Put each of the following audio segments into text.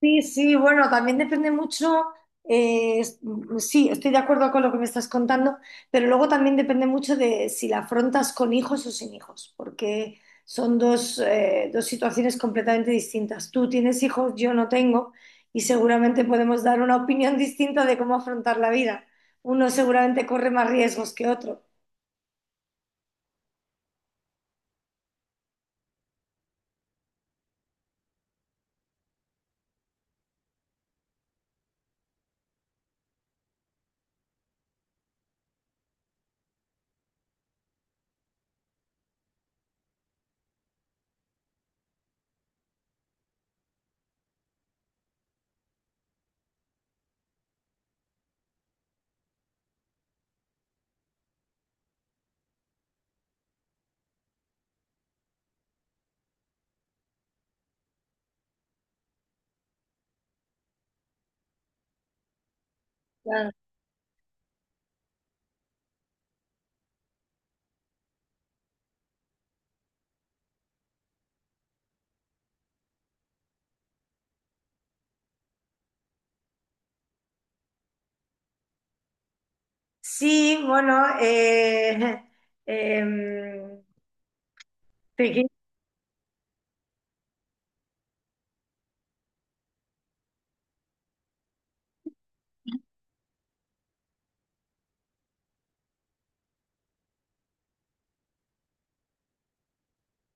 Sí, sí, bueno, también depende mucho, sí, estoy de acuerdo con lo que me estás contando, pero luego también depende mucho de si la afrontas con hijos o sin hijos, porque son dos, dos situaciones completamente distintas. Tú tienes hijos, yo no tengo, y seguramente podemos dar una opinión distinta de cómo afrontar la vida. Uno seguramente corre más riesgos que otro. Claro. Sí, bueno, em, pequeño,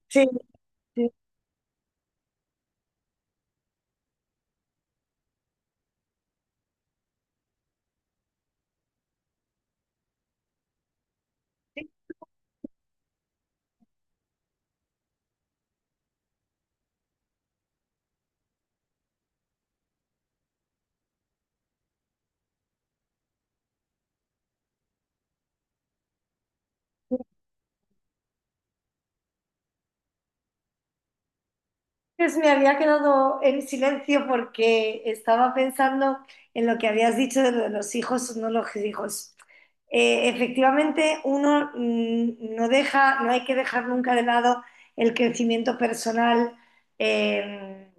sí. Sí. Pues me había quedado en silencio porque estaba pensando en lo que habías dicho de lo de los hijos o no los hijos. Efectivamente, uno no deja, no hay que dejar nunca de lado el crecimiento personal eh,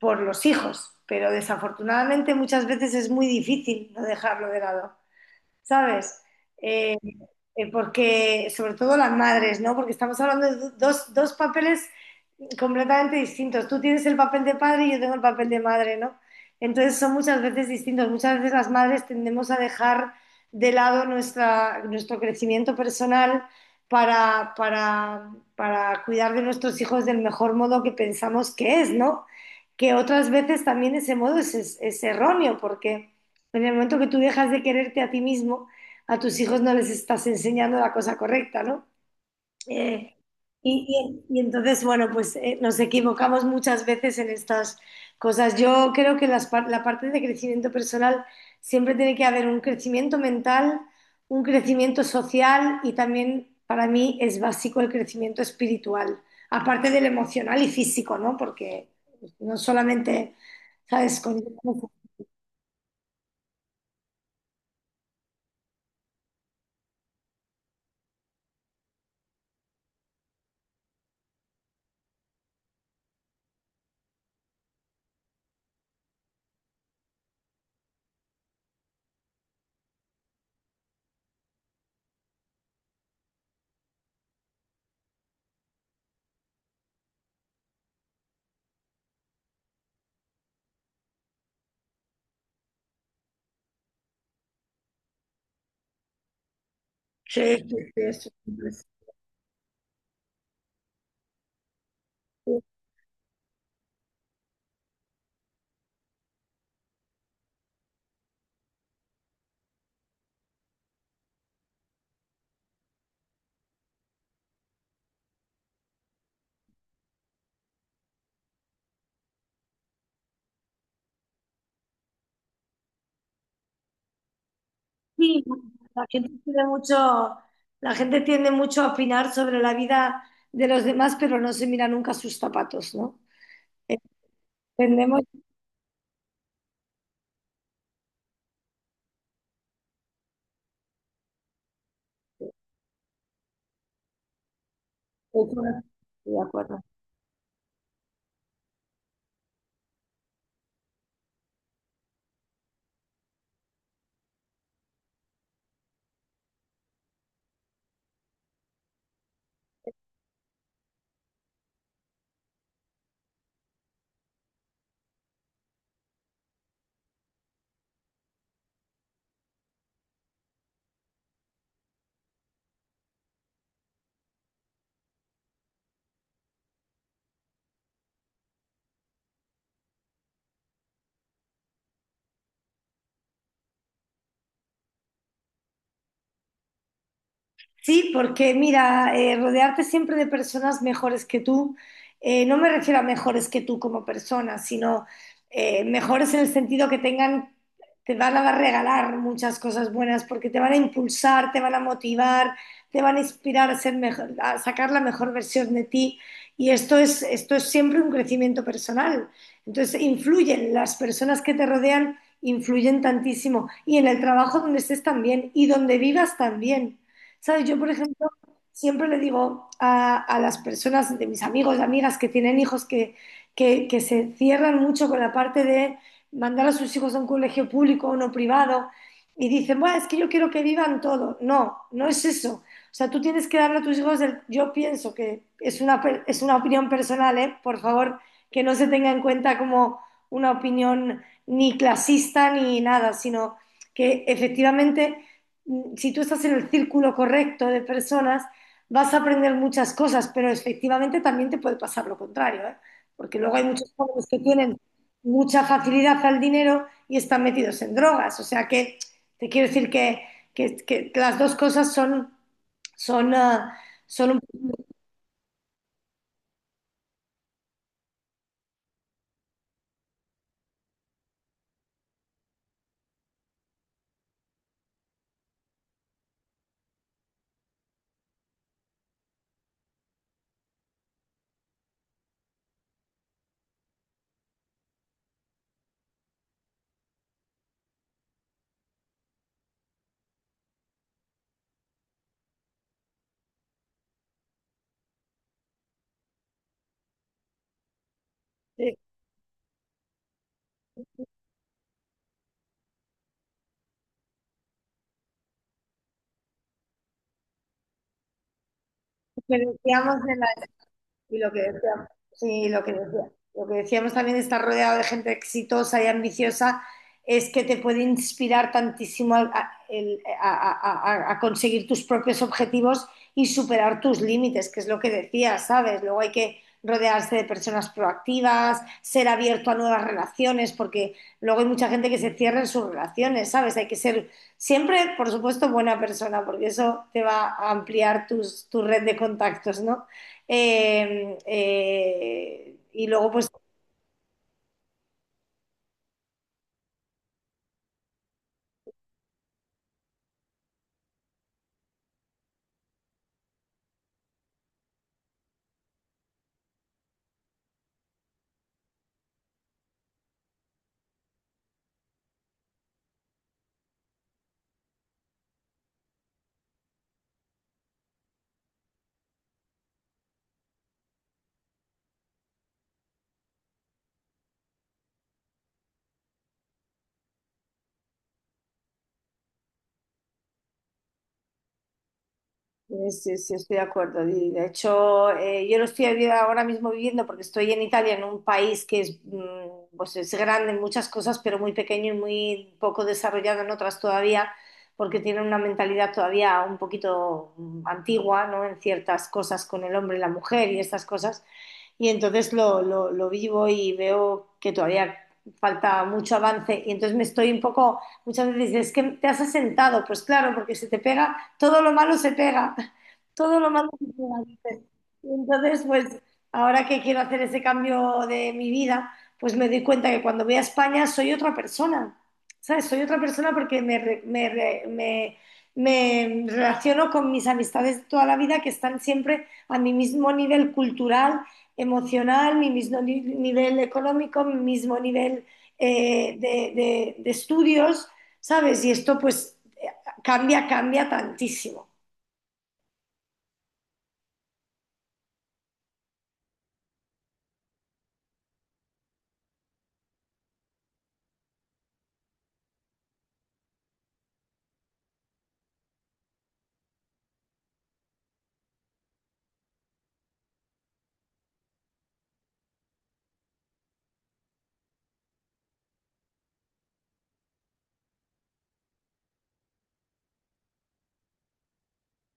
por los hijos, pero desafortunadamente muchas veces es muy difícil no dejarlo de lado, ¿sabes? Eh, Porque, sobre todo las madres, ¿no? Porque estamos hablando de dos, dos papeles completamente distintos. Tú tienes el papel de padre y yo tengo el papel de madre, ¿no? Entonces son muchas veces distintos. Muchas veces las madres tendemos a dejar de lado nuestro crecimiento personal para, para, para cuidar de nuestros hijos del mejor modo que pensamos que es, ¿no? Que otras veces también ese modo es, es erróneo, porque en el momento que tú dejas de quererte a ti mismo, a tus hijos no les estás enseñando la cosa correcta, ¿no? Eh, y entonces, bueno, pues nos equivocamos muchas veces en estas cosas. Yo creo que la parte de crecimiento personal siempre tiene que haber un crecimiento mental, un crecimiento social y también para mí es básico el crecimiento espiritual, aparte del emocional y físico, ¿no? Porque no solamente, ¿sabes? Con... Sí, sí, sí, eso. Sí, la gente tiene mucho, la gente tiende mucho a opinar sobre la vida de los demás, pero no se mira nunca sus zapatos, ¿no? Entendemos. Estoy de acuerdo. Sí, porque mira, rodearte siempre de personas mejores que tú, no me refiero a mejores que tú como persona, sino mejores en el sentido que tengan, te van a regalar muchas cosas buenas porque te van a impulsar, te van a motivar, te van a inspirar a ser mejor, a sacar la mejor versión de ti. Y esto es siempre un crecimiento personal. Entonces, las personas que te rodean influyen tantísimo. Y en el trabajo donde estés también y donde vivas también. ¿Sabes? Yo, por ejemplo, siempre le digo a las personas, de mis amigos, amigas que tienen hijos, que se cierran mucho con la parte de mandar a sus hijos a un colegio público o no privado y dicen, bueno, es que yo quiero que vivan todo. No, no es eso. O sea, tú tienes que darle a tus hijos, yo pienso que es una, es una opinión personal, ¿eh? Por favor, que no se tenga en cuenta como una opinión ni clasista ni nada, sino que efectivamente si tú estás en el círculo correcto de personas, vas a aprender muchas cosas, pero efectivamente también te puede pasar lo contrario, ¿eh? Porque luego hay muchos jóvenes que tienen mucha facilidad al dinero y están metidos en drogas. O sea que te quiero decir que, que las dos cosas son, son, son un poco diferenciamos de. Y lo que decíamos, sí, lo que decíamos también de estar rodeado de gente exitosa y ambiciosa es que te puede inspirar tantísimo al- a, el- a conseguir tus propios objetivos y superar tus límites, que es lo que decías, ¿sabes? Luego hay que rodearse de personas proactivas, ser abierto a nuevas relaciones, porque luego hay mucha gente que se cierra en sus relaciones, ¿sabes? Hay que ser siempre, por supuesto, buena persona, porque eso te va a ampliar tus, tu red de contactos, ¿no? Y luego, pues, sí, sí, estoy de acuerdo. Y, de hecho, yo lo estoy ahora mismo viviendo porque estoy en Italia, en un país que es, pues, es grande en muchas cosas, pero muy pequeño y muy poco desarrollado en otras todavía, porque tienen una mentalidad todavía un poquito antigua, ¿no? En ciertas cosas con el hombre y la mujer y estas cosas. Y entonces lo vivo y veo que todavía falta mucho avance y entonces me estoy un poco, muchas veces dices, es que te has asentado, pues claro, porque se te pega, todo lo malo se pega, todo lo malo se pega. Dices. Y entonces, pues ahora que quiero hacer ese cambio de mi vida, pues me doy cuenta que cuando voy a España soy otra persona, ¿sabes? Soy otra persona porque me relaciono con mis amistades de toda la vida que están siempre a mi mismo nivel cultural emocional, mi mismo nivel económico, mi mismo nivel de estudios, ¿sabes? Y esto pues cambia, cambia tantísimo.